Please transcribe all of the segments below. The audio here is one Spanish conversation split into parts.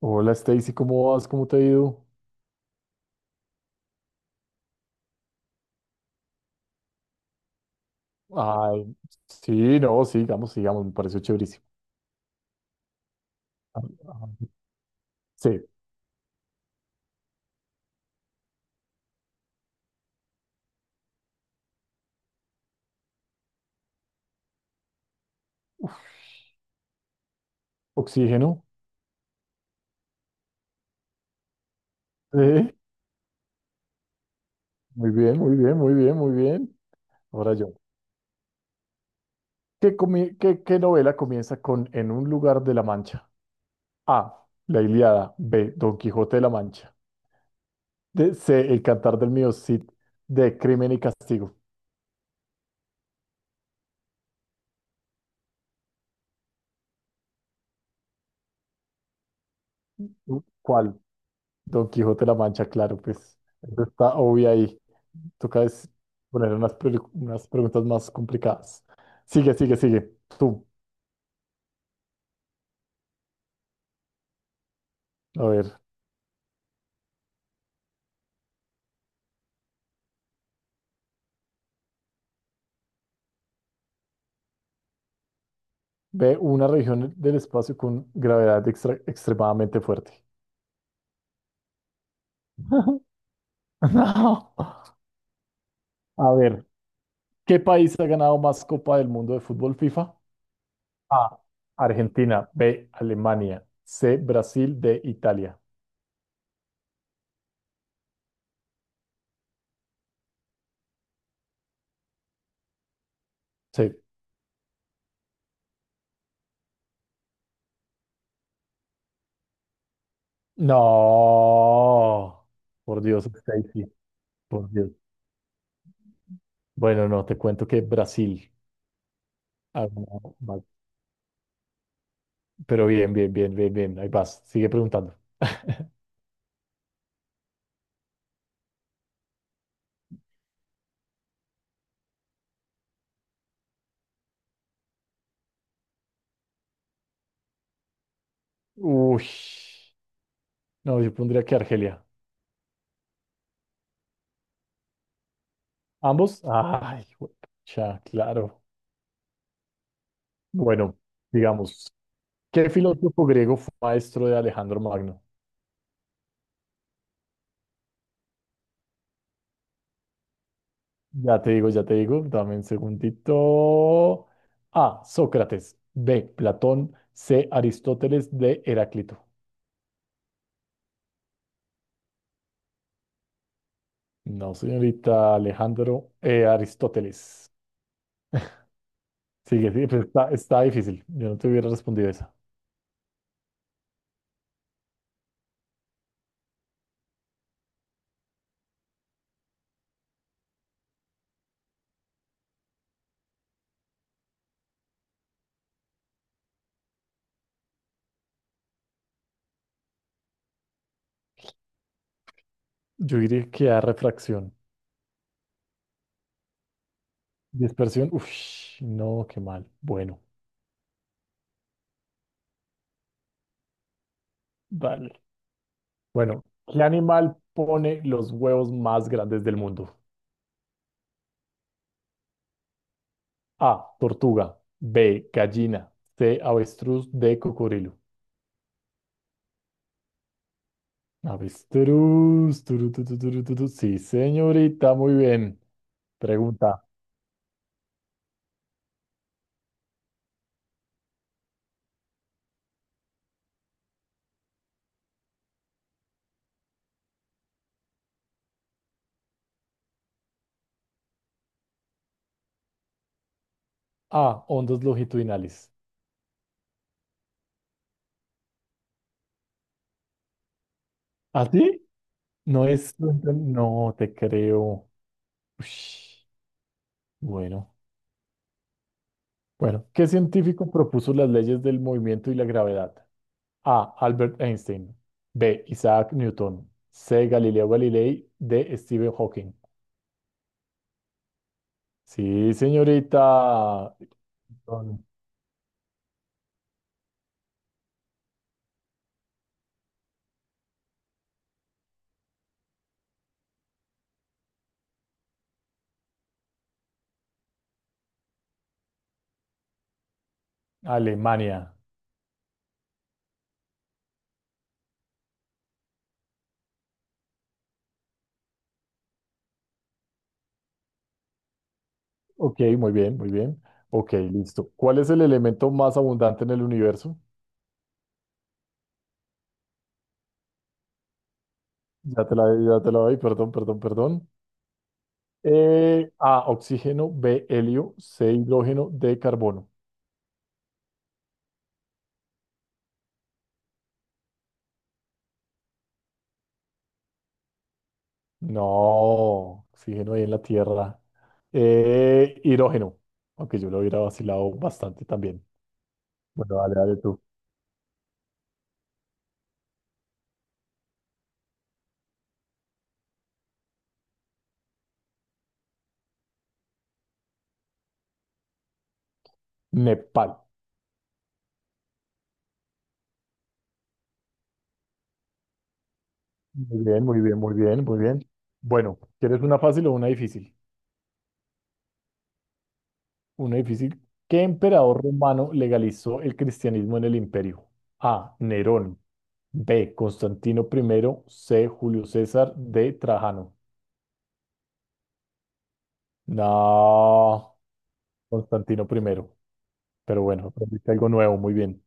Hola, Stacy, ¿cómo vas? ¿Cómo te ha ido? Ay, sí, no, sigamos, sigamos, me pareció chéverísimo. Ah, ah, Sí, oxígeno. Sí, muy bien, muy bien, muy bien, muy bien. Ahora yo. ¿Qué novela comienza con "En un lugar de la Mancha"? A. La Ilíada. B. Don Quijote de la Mancha. C. El Cantar del Mío Cid. D. Crimen y Castigo. ¿Cuál? Don Quijote de la Mancha, claro, pues, eso está obvio ahí. Toca es poner unas preguntas más complicadas. Sigue, sigue, sigue. Tú, a ver, ve una región del espacio con gravedad extremadamente fuerte. No. A ver, ¿qué país ha ganado más Copa del Mundo de fútbol FIFA? A. Argentina. B. Alemania. C. Brasil. D. Italia. Sí. No. Por Dios, Stacy. Por Dios. Bueno, no, te cuento que Brasil ha ganado más. Pero bien, bien, bien, bien, bien. Ahí vas. Sigue preguntando. Uy. No, yo pondría que Argelia. ¿Ambos? Ay, ya, claro. Bueno, digamos, ¿qué filósofo griego fue maestro de Alejandro Magno? Ya te digo, ya te digo. Dame un segundito. A. Sócrates. B. Platón. C. Aristóteles. D. Heráclito. No, señorita, Alejandro. Aristóteles. Sigue, sigue, pero está, está difícil. Yo no te hubiera respondido esa. Yo diría que A, refracción. Dispersión. Uf, no, qué mal. Bueno, vale. Bueno, ¿qué animal pone los huevos más grandes del mundo? A, tortuga. B, gallina. C, avestruz. D, cocodrilo. Avestruz. Turu, tu, turu, tu, tu. Sí, señorita, muy bien. Pregunta. A, ondas longitudinales. ¿Así? No es... No te creo. Ush, bueno. Bueno, ¿qué científico propuso las leyes del movimiento y la gravedad? A. Albert Einstein. B. Isaac Newton. C. Galileo Galilei. D. Stephen Hawking. Sí, señorita. Son Alemania. Ok, muy bien, muy bien. Ok, listo. ¿Cuál es el elemento más abundante en el universo? Ya te la doy, perdón, perdón, perdón. A. Oxígeno. B. Helio. C. Hidrógeno. D. Carbono. No, oxígeno ahí en la Tierra. Hidrógeno. Aunque yo lo hubiera vacilado bastante también. Bueno, dale, dale tú. Nepal. Muy bien, muy bien, muy bien, muy bien. Bueno, ¿quieres una fácil o una difícil? Una difícil. ¿Qué emperador romano legalizó el cristianismo en el imperio? A. Nerón. B. Constantino primero. C. Julio César. D. Trajano. No, Constantino primero. Pero bueno, aprendiste algo nuevo, muy bien.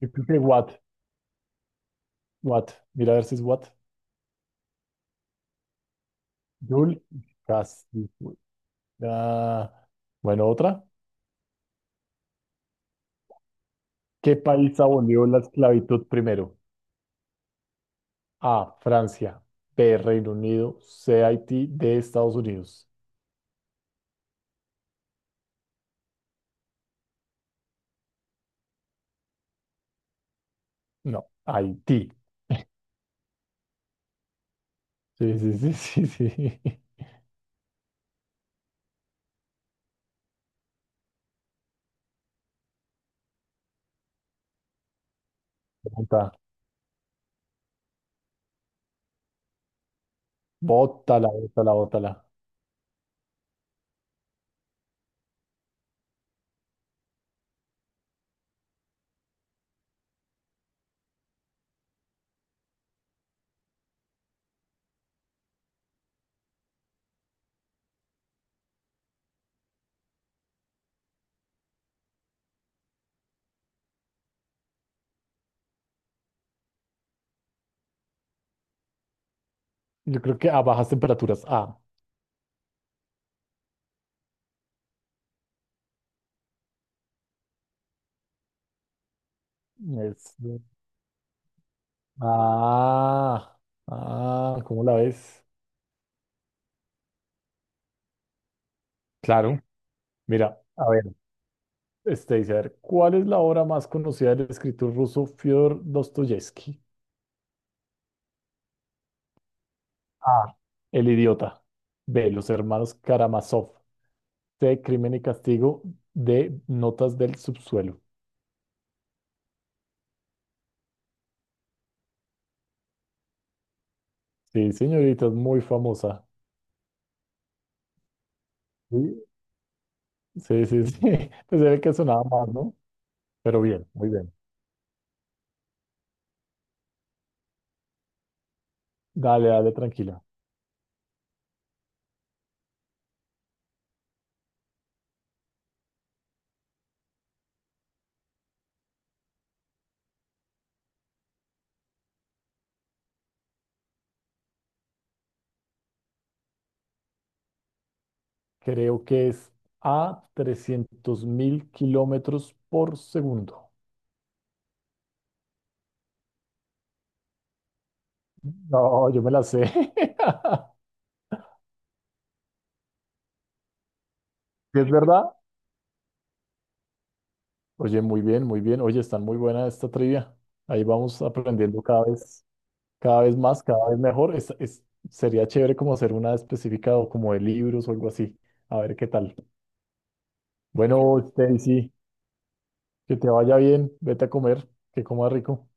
Yo creo que Watt, Watt. Mira a ver si es Watt. Jul, casi fue. Ah, bueno, otra. ¿Qué país abolió la esclavitud primero? A. Francia. B. Reino Unido. C. Haití. D. Estados Unidos. No, Haití. Sí, sí, sí, sí, sí. Bota, bótala, bótala, bótala. Yo creo que a bajas temperaturas. Ah, es. Ah, ¿Cómo la ves? Claro. Mira, a ver, este dice, a ver, ¿cuál es la obra más conocida del escritor ruso Fyodor Dostoyevsky? A. El idiota. B. Los hermanos Karamazov. C. Crimen y castigo. D. Notas del subsuelo. Sí, señorita, es muy famosa. Sí, sí, sí, sí. Pues era el que sonaba más, ¿no? Pero bien, muy bien. Dale, dale, tranquila. Creo que es a 300.000 km por segundo. No, yo me la sé. ¿Sí? ¿Es verdad? Oye, muy bien, muy bien. Oye, están muy buena esta trivia. Ahí vamos aprendiendo cada vez. Cada vez más, cada vez mejor. Sería chévere como hacer una específica o como de libros o algo así. A ver qué tal. Bueno, Stacy, que te vaya bien. Vete a comer, que comas rico.